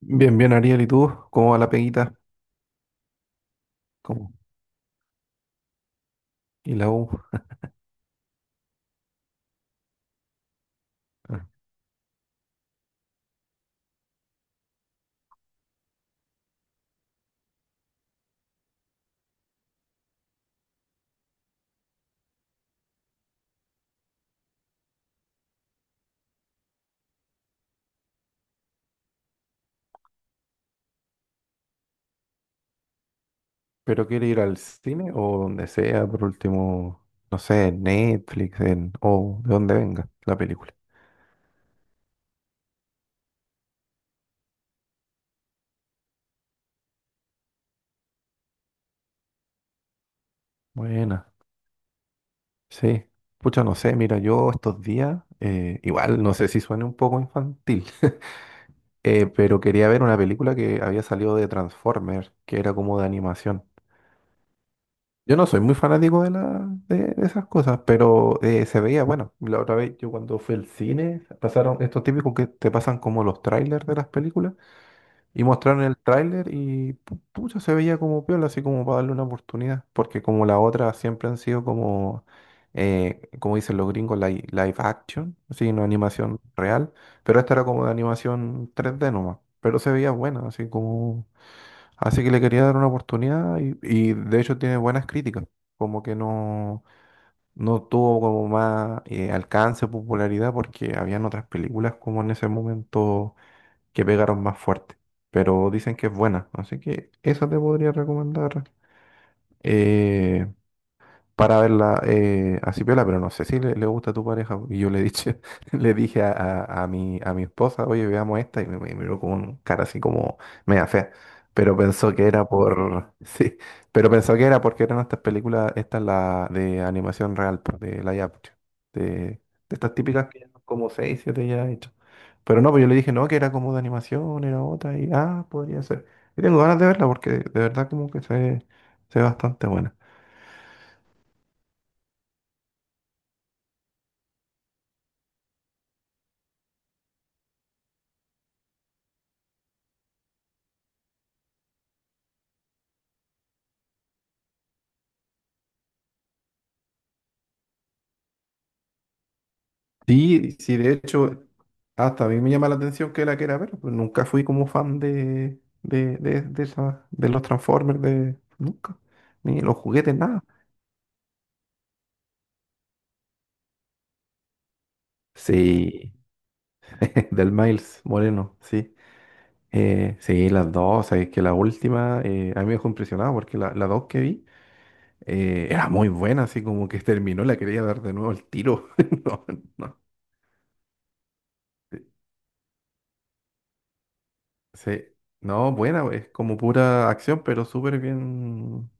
Bien, bien, Ariel, ¿y tú? ¿Cómo va la peguita? ¿Cómo? ¿Y la U? Ah, ¿pero quiere ir al cine o donde sea, por último, no sé, en Netflix en, o de donde venga la película? Buena, sí. Pucha, no sé, mira, yo estos días, igual, no sé si suene un poco infantil, pero quería ver una película que había salido de Transformers, que era como de animación. Yo no soy muy fanático de esas cosas, pero se veía, bueno, la otra vez yo cuando fui al cine, pasaron estos típicos que te pasan como los trailers de las películas, y mostraron el tráiler y pucha, se veía como piola, así como para darle una oportunidad, porque como la otra siempre han sido como, como dicen los gringos, live action, así, no animación real, pero esta era como de animación 3D nomás, pero se veía buena, así como... Así que le quería dar una oportunidad y de hecho tiene buenas críticas, como que no, no tuvo como más alcance, popularidad, porque habían otras películas como en ese momento que pegaron más fuerte, pero dicen que es buena, así que esa te podría recomendar. Eh, para verla así piola, pero no sé si le, le gusta a tu pareja. Y yo le dije, le dije a mi esposa, oye, veamos esta, y me miró con cara así como media fea. Pero pensó que era por. Sí, pero pensó que era porque eran estas películas, esta es la de animación real, pues, de live action, de estas típicas que ya como seis, siete ya hechas. Pero no, pues yo le dije, no, que era como de animación, era otra, y ah, podría ser. Y tengo ganas de verla porque de verdad como que se ve bastante buena. Sí, sí, de hecho, hasta a mí me llama la atención que la quiera ver, pero nunca fui como fan esa- de los Transformers, de, nunca, ni los juguetes, nada. Sí, del Miles Moreno, sí. Sí, las dos, es que la última a mí me dejó impresionado porque la dos que vi era muy buena, así como que terminó, la quería dar de nuevo el tiro. No, no, sí, no, buena, es como pura acción, pero súper bien,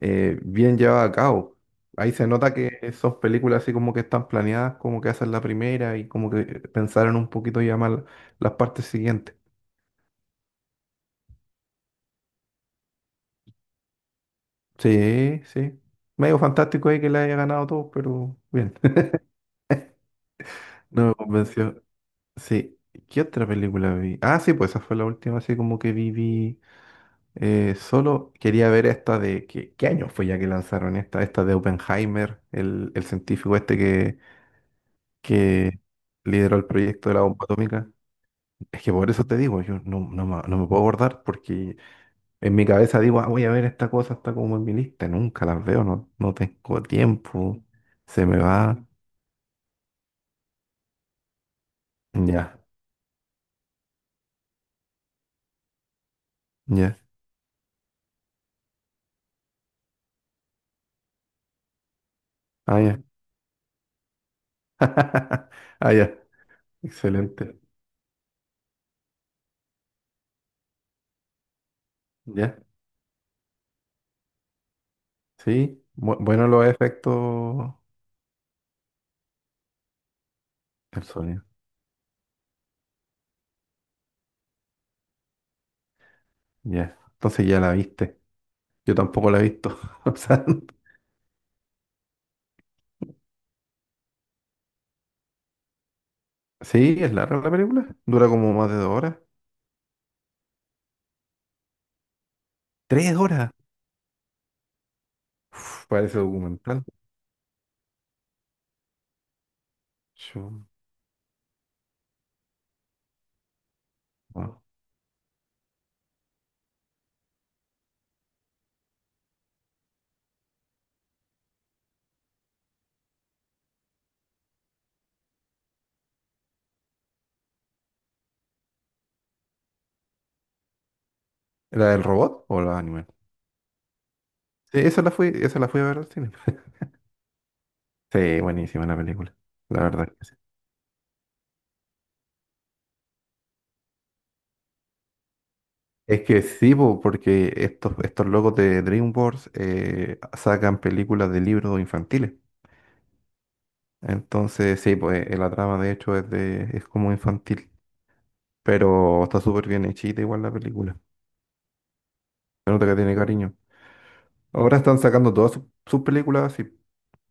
bien llevada a cabo. Ahí se nota que esas películas así como que están planeadas, como que esa la primera y como que pensaron un poquito ya más las partes siguientes. Sí, sí. Medio fantástico ahí que le haya ganado todo, pero bien. No me convenció. Sí. ¿Qué otra película vi? Ah, sí, pues esa fue la última así como que vi, solo quería ver esta de... ¿Qué, qué año fue ya que lanzaron esta? Esta de Oppenheimer, el científico este que lideró el proyecto de la bomba atómica. Es que por eso te digo, yo no, no, me no me puedo acordar porque en mi cabeza digo, ah, voy a ver esta cosa, está como en mi lista, nunca las veo, no, no tengo tiempo, se me va, ya, ya, ah, ya, ah, ya, excelente, ya, sí, bueno los efectos del sonido, ya, entonces ya la viste, yo tampoco la he visto, o sea, sí, es larga la película, dura como más de dos horas, tres horas, uf, parece documental, Yo- wow. ¿La del robot o la animal? Sí, esa la fui a ver al cine. Sí, buenísima la película. La verdad que sí. Es que sí, po, porque estos locos de DreamWorks sacan películas de libros infantiles. Entonces, sí, pues la trama de hecho es de, es como infantil. Pero está súper bien hechita igual la película. Se nota que tiene cariño. Ahora están sacando todas sus películas así,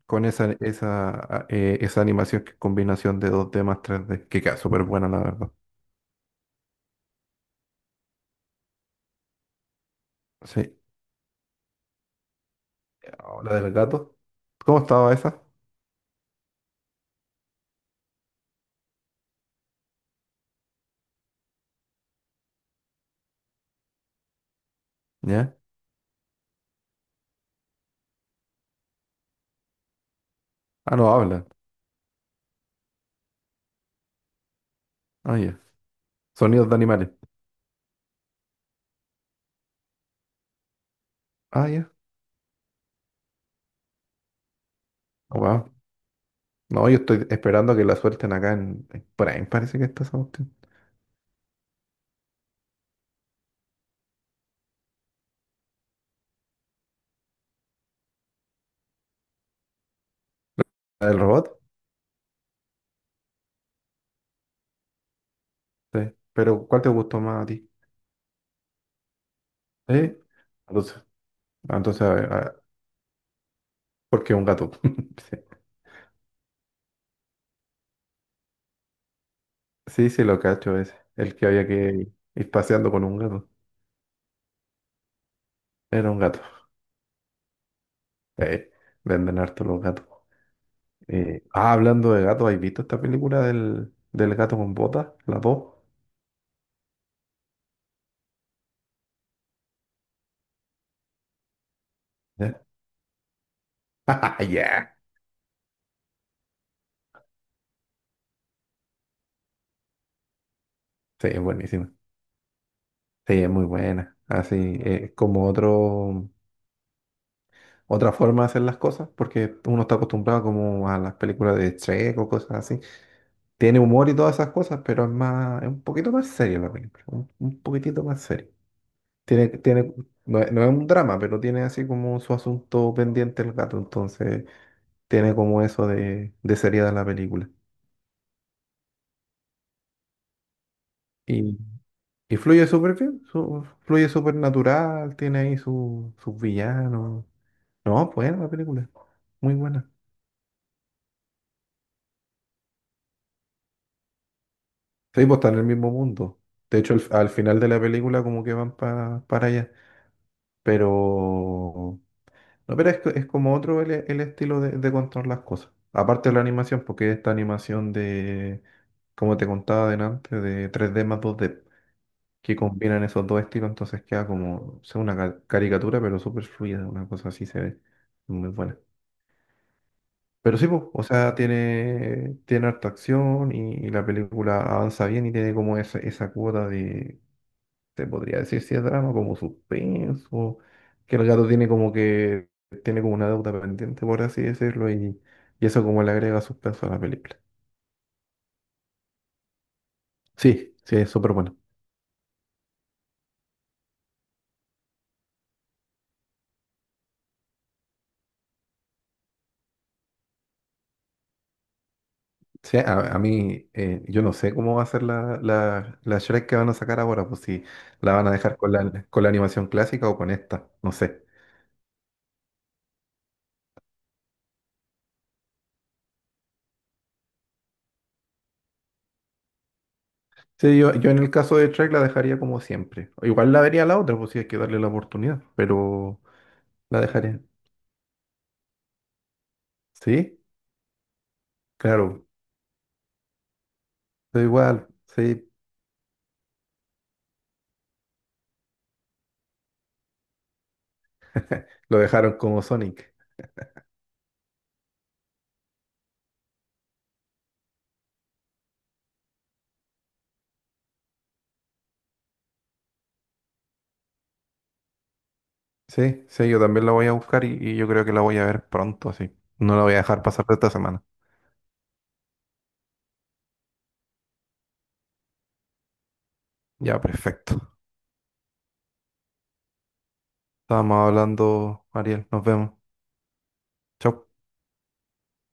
con esa animación que es combinación de dos d más 3D. Que queda súper buena, la verdad. Sí. Ahora del gato. ¿Cómo estaba esa? ¿Ya? Ah, no hablan. Ah, ya. Sonidos de animales. Ah, ya. Oh, wow. No, yo estoy esperando que la suelten acá en Prime, parece que está esa cuestión. ¿La del robot? Sí. Pero, ¿cuál te gustó más a ti? Sí. Entonces, ah, entonces a ver, ah, porque es un gato. Sí, sí, sí, lo cacho ese. El que había que ir paseando con un gato. Era un gato. Sí. Venden harto los gatos. Ah, hablando de gatos, ¿has visto esta película del gato con botas? La dos. Ya. Ya. Sí, es buenísima. Sí, es muy buena. Así, eh, como otro, otra forma de hacer las cosas, porque uno está acostumbrado como a las películas de Shrek o cosas así. Tiene humor y todas esas cosas, pero es más, es un poquito más seria la película, un poquitito más seria. Tiene, tiene, no, es no es un drama, pero tiene así como su asunto pendiente el gato, entonces tiene como eso de seriedad la película. Y, y fluye súper bien, fluye súper natural, tiene ahí sus villanos. No, buena la película. Muy buena. Sí, pues están en el mismo mundo. De hecho, al final de la película como que van para allá. Pero... No, pero es, es como otro el estilo de contar las cosas. Aparte de la animación, porque esta animación de, como te contaba delante, de tres d más dos d que combinan esos dos estilos, entonces queda como, o sea, una caricatura, pero súper fluida, una cosa así se ve. Muy buena. Pero sí, po, o sea, tiene, tiene harta acción y la película avanza bien y tiene como esa cuota de, te podría decir si es drama, como suspenso, que el gato tiene como que, tiene como una deuda pendiente, por así decirlo, y eso como le agrega suspenso a la película. Sí, sí, es súper bueno. Sí, a mí, yo no sé cómo va a ser la Shrek que van a sacar ahora, pues si la van a dejar con la animación clásica o con esta, no sé. Sí, yo en el caso de Trek la dejaría como siempre. O igual la vería la otra, pues si hay que darle la oportunidad, pero la dejaría. Sí, claro, da igual, sí, lo dejaron como Sonic. Sí, sí, yo también la voy a buscar y yo creo que la voy a ver pronto, así. No la voy a dejar pasar de esta semana. Ya, perfecto. Estábamos hablando, Ariel, nos vemos. Chau.